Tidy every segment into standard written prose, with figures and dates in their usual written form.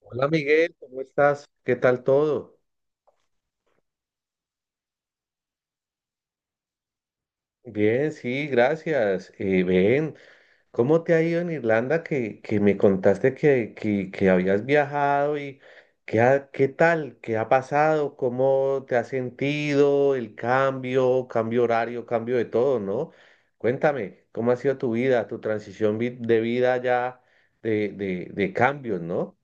Hola Miguel, ¿cómo estás? ¿Qué tal todo? Bien, sí, gracias. Ven, ¿cómo te ha ido en Irlanda que me contaste que habías viajado y ¿qué tal? ¿Qué ha pasado? ¿Cómo te has sentido? El cambio horario, cambio de todo, ¿no? Cuéntame, ¿cómo ha sido tu vida, tu de vida, ya de cambios, ¿no?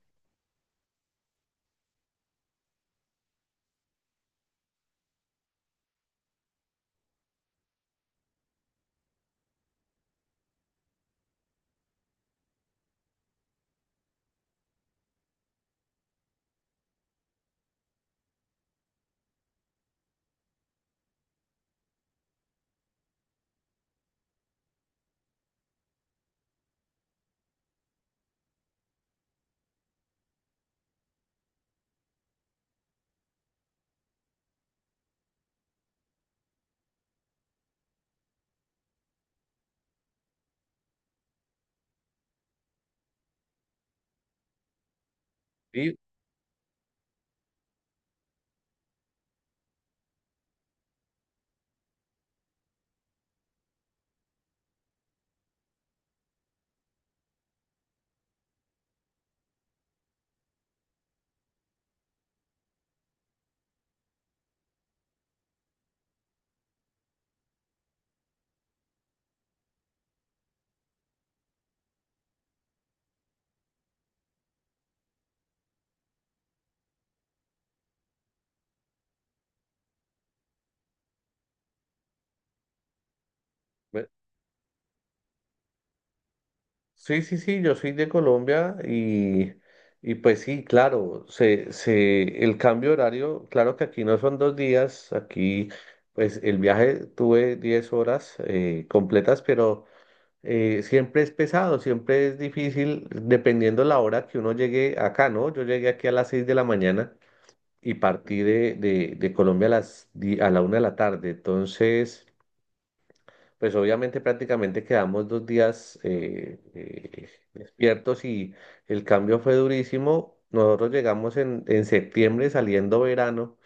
Sí, sí, sí, sí, yo soy de Colombia, y pues sí, claro, el cambio de horario, claro que aquí no son 2 días, aquí pues el viaje tuve 10 horas completas. Pero siempre es pesado, siempre es difícil, dependiendo la hora que uno llegue acá, ¿no? Yo llegué aquí a las 6 de la mañana y partí de Colombia a a la 1 de la tarde. Entonces, pues obviamente prácticamente quedamos 2 días despiertos, y el cambio fue durísimo. Nosotros llegamos en septiembre, saliendo verano,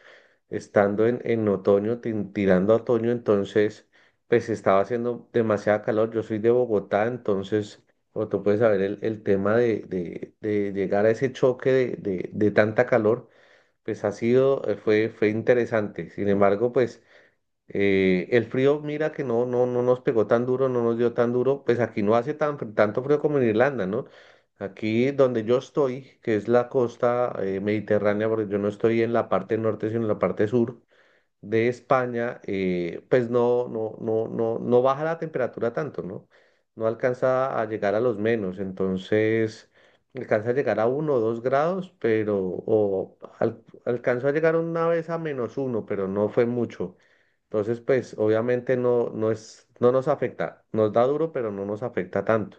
estando en otoño, tirando a otoño. Entonces, pues estaba haciendo demasiada calor. Yo soy de Bogotá, entonces, como tú puedes saber, el tema de llegar a ese choque de tanta calor, pues ha sido, fue interesante. Sin embargo, pues... El frío, mira que no, no, no nos pegó tan duro, no nos dio tan duro. Pues aquí no hace tanto frío como en Irlanda, ¿no? Aquí donde yo estoy, que es la costa mediterránea, porque yo no estoy en la parte norte, sino en la parte sur, de España. Pues no, no, no, no, no baja la temperatura tanto, ¿no? No alcanza a llegar a los menos, entonces alcanza a llegar a 1 o 2 grados, pero alcanzó a llegar una vez a -1, pero no fue mucho. Entonces, pues obviamente no, no nos afecta, nos da duro, pero no nos afecta tanto.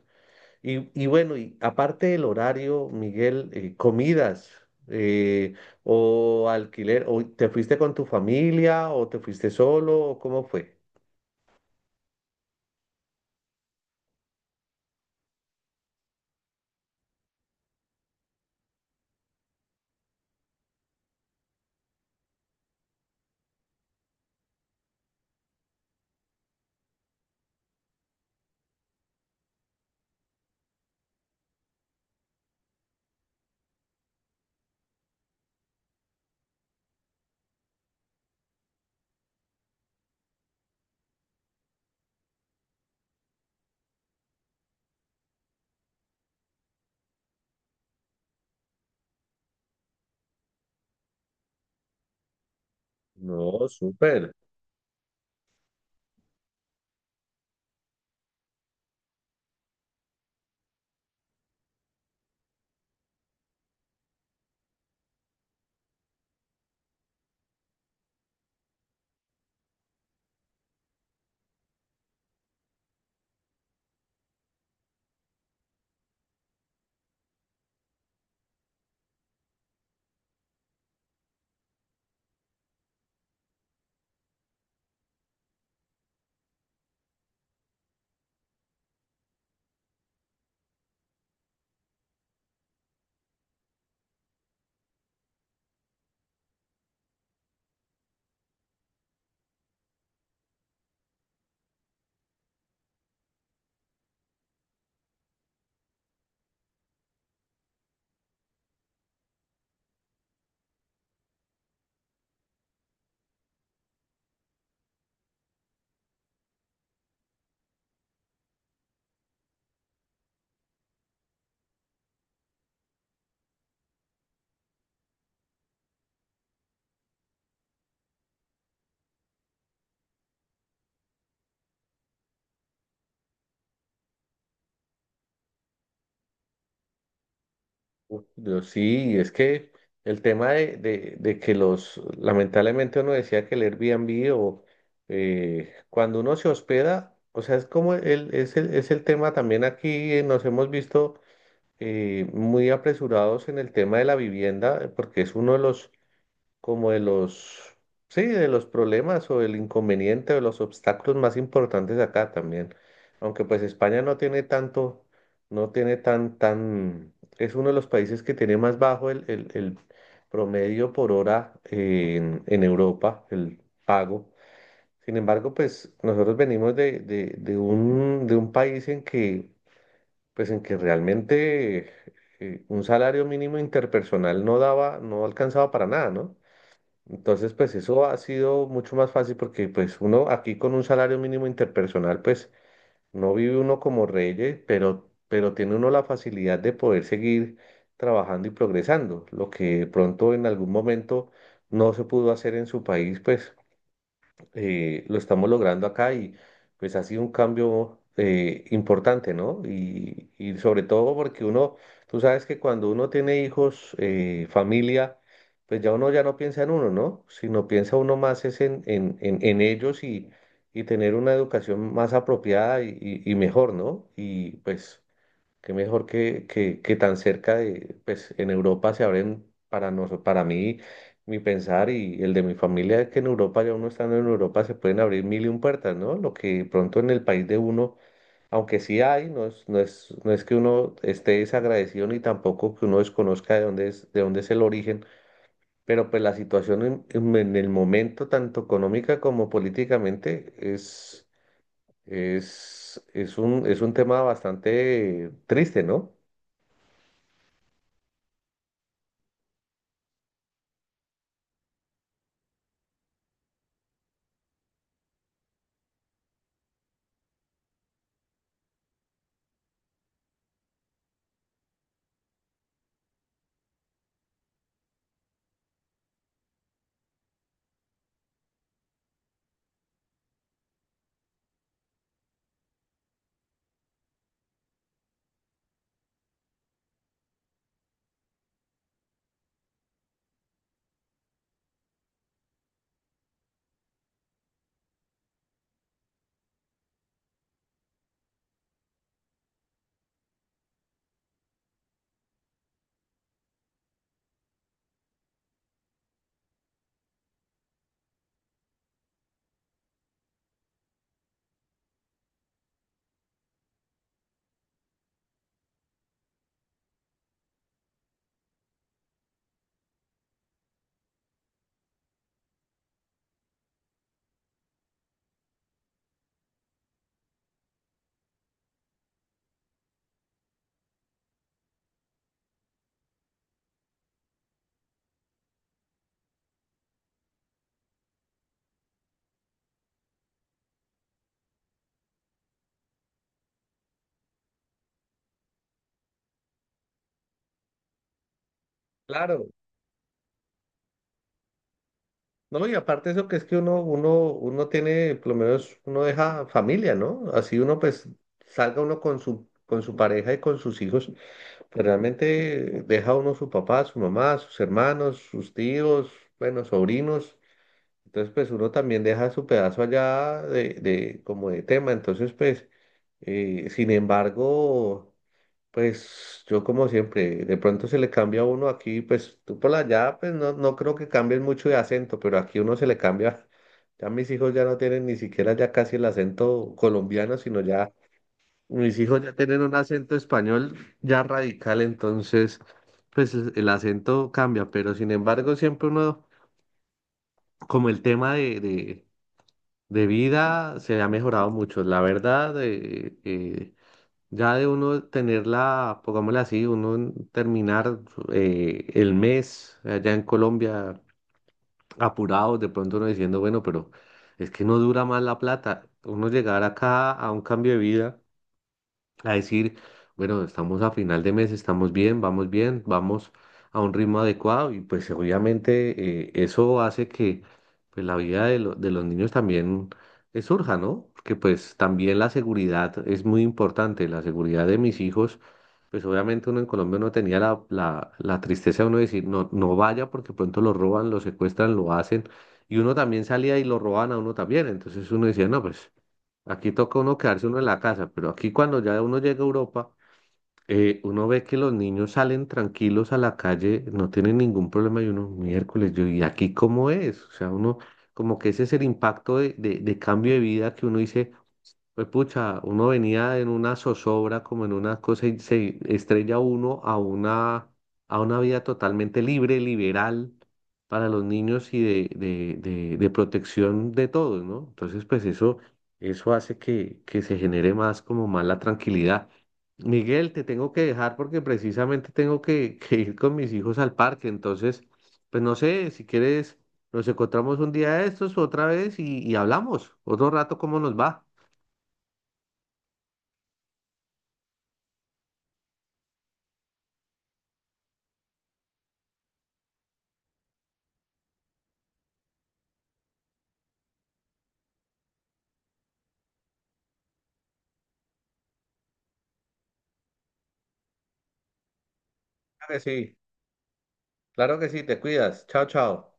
Y bueno, y aparte del horario, Miguel, comidas, eh, o alquiler, o ¿te fuiste con tu familia o te fuiste solo o cómo fue? No, súper. Uf, yo sí, es que el tema de que lamentablemente uno decía que el Airbnb o cuando uno se hospeda, o sea, es como el, es el, es el tema también aquí. Nos hemos visto muy apresurados en el tema de la vivienda, porque es uno de los, como de los, sí, de los problemas o el inconveniente o los obstáculos más importantes acá también. Aunque pues España no tiene tanto, no tiene es uno de los países que tiene más bajo el promedio por hora en Europa, el pago. Sin embargo, pues nosotros venimos de un país en que, pues en que realmente, un salario mínimo interpersonal no daba, no alcanzaba para nada, ¿no? Entonces, pues eso ha sido mucho más fácil, porque pues uno aquí con un salario mínimo interpersonal, pues no vive uno como reyes, pero tiene uno la facilidad de poder seguir trabajando y progresando, lo que de pronto en algún momento no se pudo hacer en su país. Pues lo estamos logrando acá, y pues ha sido un cambio importante, ¿no? Y sobre todo porque uno, tú sabes que cuando uno tiene hijos, familia, pues ya uno ya no piensa en uno, ¿no? Sino piensa uno más es en ellos, y tener una educación más apropiada y, y mejor, ¿no? Y pues qué mejor que, que tan cerca de, pues en Europa, se abren para nosotros, para mí, mi pensar y el de mi familia, que en Europa, ya uno estando en Europa, se pueden abrir mil y un puertas, ¿no? Lo que pronto en el país de uno, aunque sí hay, no es que uno esté desagradecido ni tampoco que uno desconozca de dónde es el origen, pero pues la situación en en el momento, tanto económica como políticamente, es, es un tema bastante triste, ¿no? Claro. No, y aparte eso, que es que uno, uno tiene, por lo menos, uno deja familia, ¿no? Así uno pues salga uno con con su pareja y con sus hijos, pero realmente deja uno su papá, su mamá, sus hermanos, sus tíos, bueno, sobrinos. Entonces, pues uno también deja su pedazo allá de, como de tema. Entonces pues, sin embargo... Pues yo como siempre, de pronto se le cambia a uno aquí, pues tú por allá, pues no, no creo que cambien mucho de acento, pero aquí uno se le cambia. Ya mis hijos ya no tienen ni siquiera ya casi el acento colombiano, sino ya mis hijos ya tienen un acento español ya radical. Entonces, pues el acento cambia, pero sin embargo siempre uno, como el tema de vida se ha mejorado mucho, la verdad. Ya de uno tenerla, pongámosla así, uno terminar el mes allá en Colombia apurados, de pronto uno diciendo, bueno, pero es que no dura más la plata. Uno llegar acá a un cambio de vida, a decir, bueno, estamos a final de mes, estamos bien, vamos a un ritmo adecuado. Y pues obviamente, eso hace que pues la vida de, de los niños también surja, ¿no? Porque pues también la seguridad es muy importante, la seguridad de mis hijos. Pues obviamente uno en Colombia no tenía la tristeza de uno decir, no, no vaya porque pronto lo roban, lo secuestran, lo hacen. Y uno también salía y lo roban a uno también. Entonces uno decía, no, pues aquí toca uno quedarse uno en la casa. Pero aquí, cuando ya uno llega a Europa, uno ve que los niños salen tranquilos a la calle, no tienen ningún problema, y uno, miércoles, yo, ¿y aquí cómo es? O sea, uno como que ese es el impacto de cambio de vida que uno dice. Pues pucha, uno venía en una zozobra, como en una cosa, y se estrella uno a una vida totalmente libre, liberal, para los niños y de protección de todos, ¿no? Entonces, pues eso, hace que se genere más, como más, la tranquilidad. Miguel, te tengo que dejar porque precisamente tengo que ir con mis hijos al parque. Entonces, pues no sé, si quieres, nos encontramos un día de estos otra vez y, hablamos otro rato cómo nos va. Claro que sí, claro que sí, te cuidas. Chao, chao.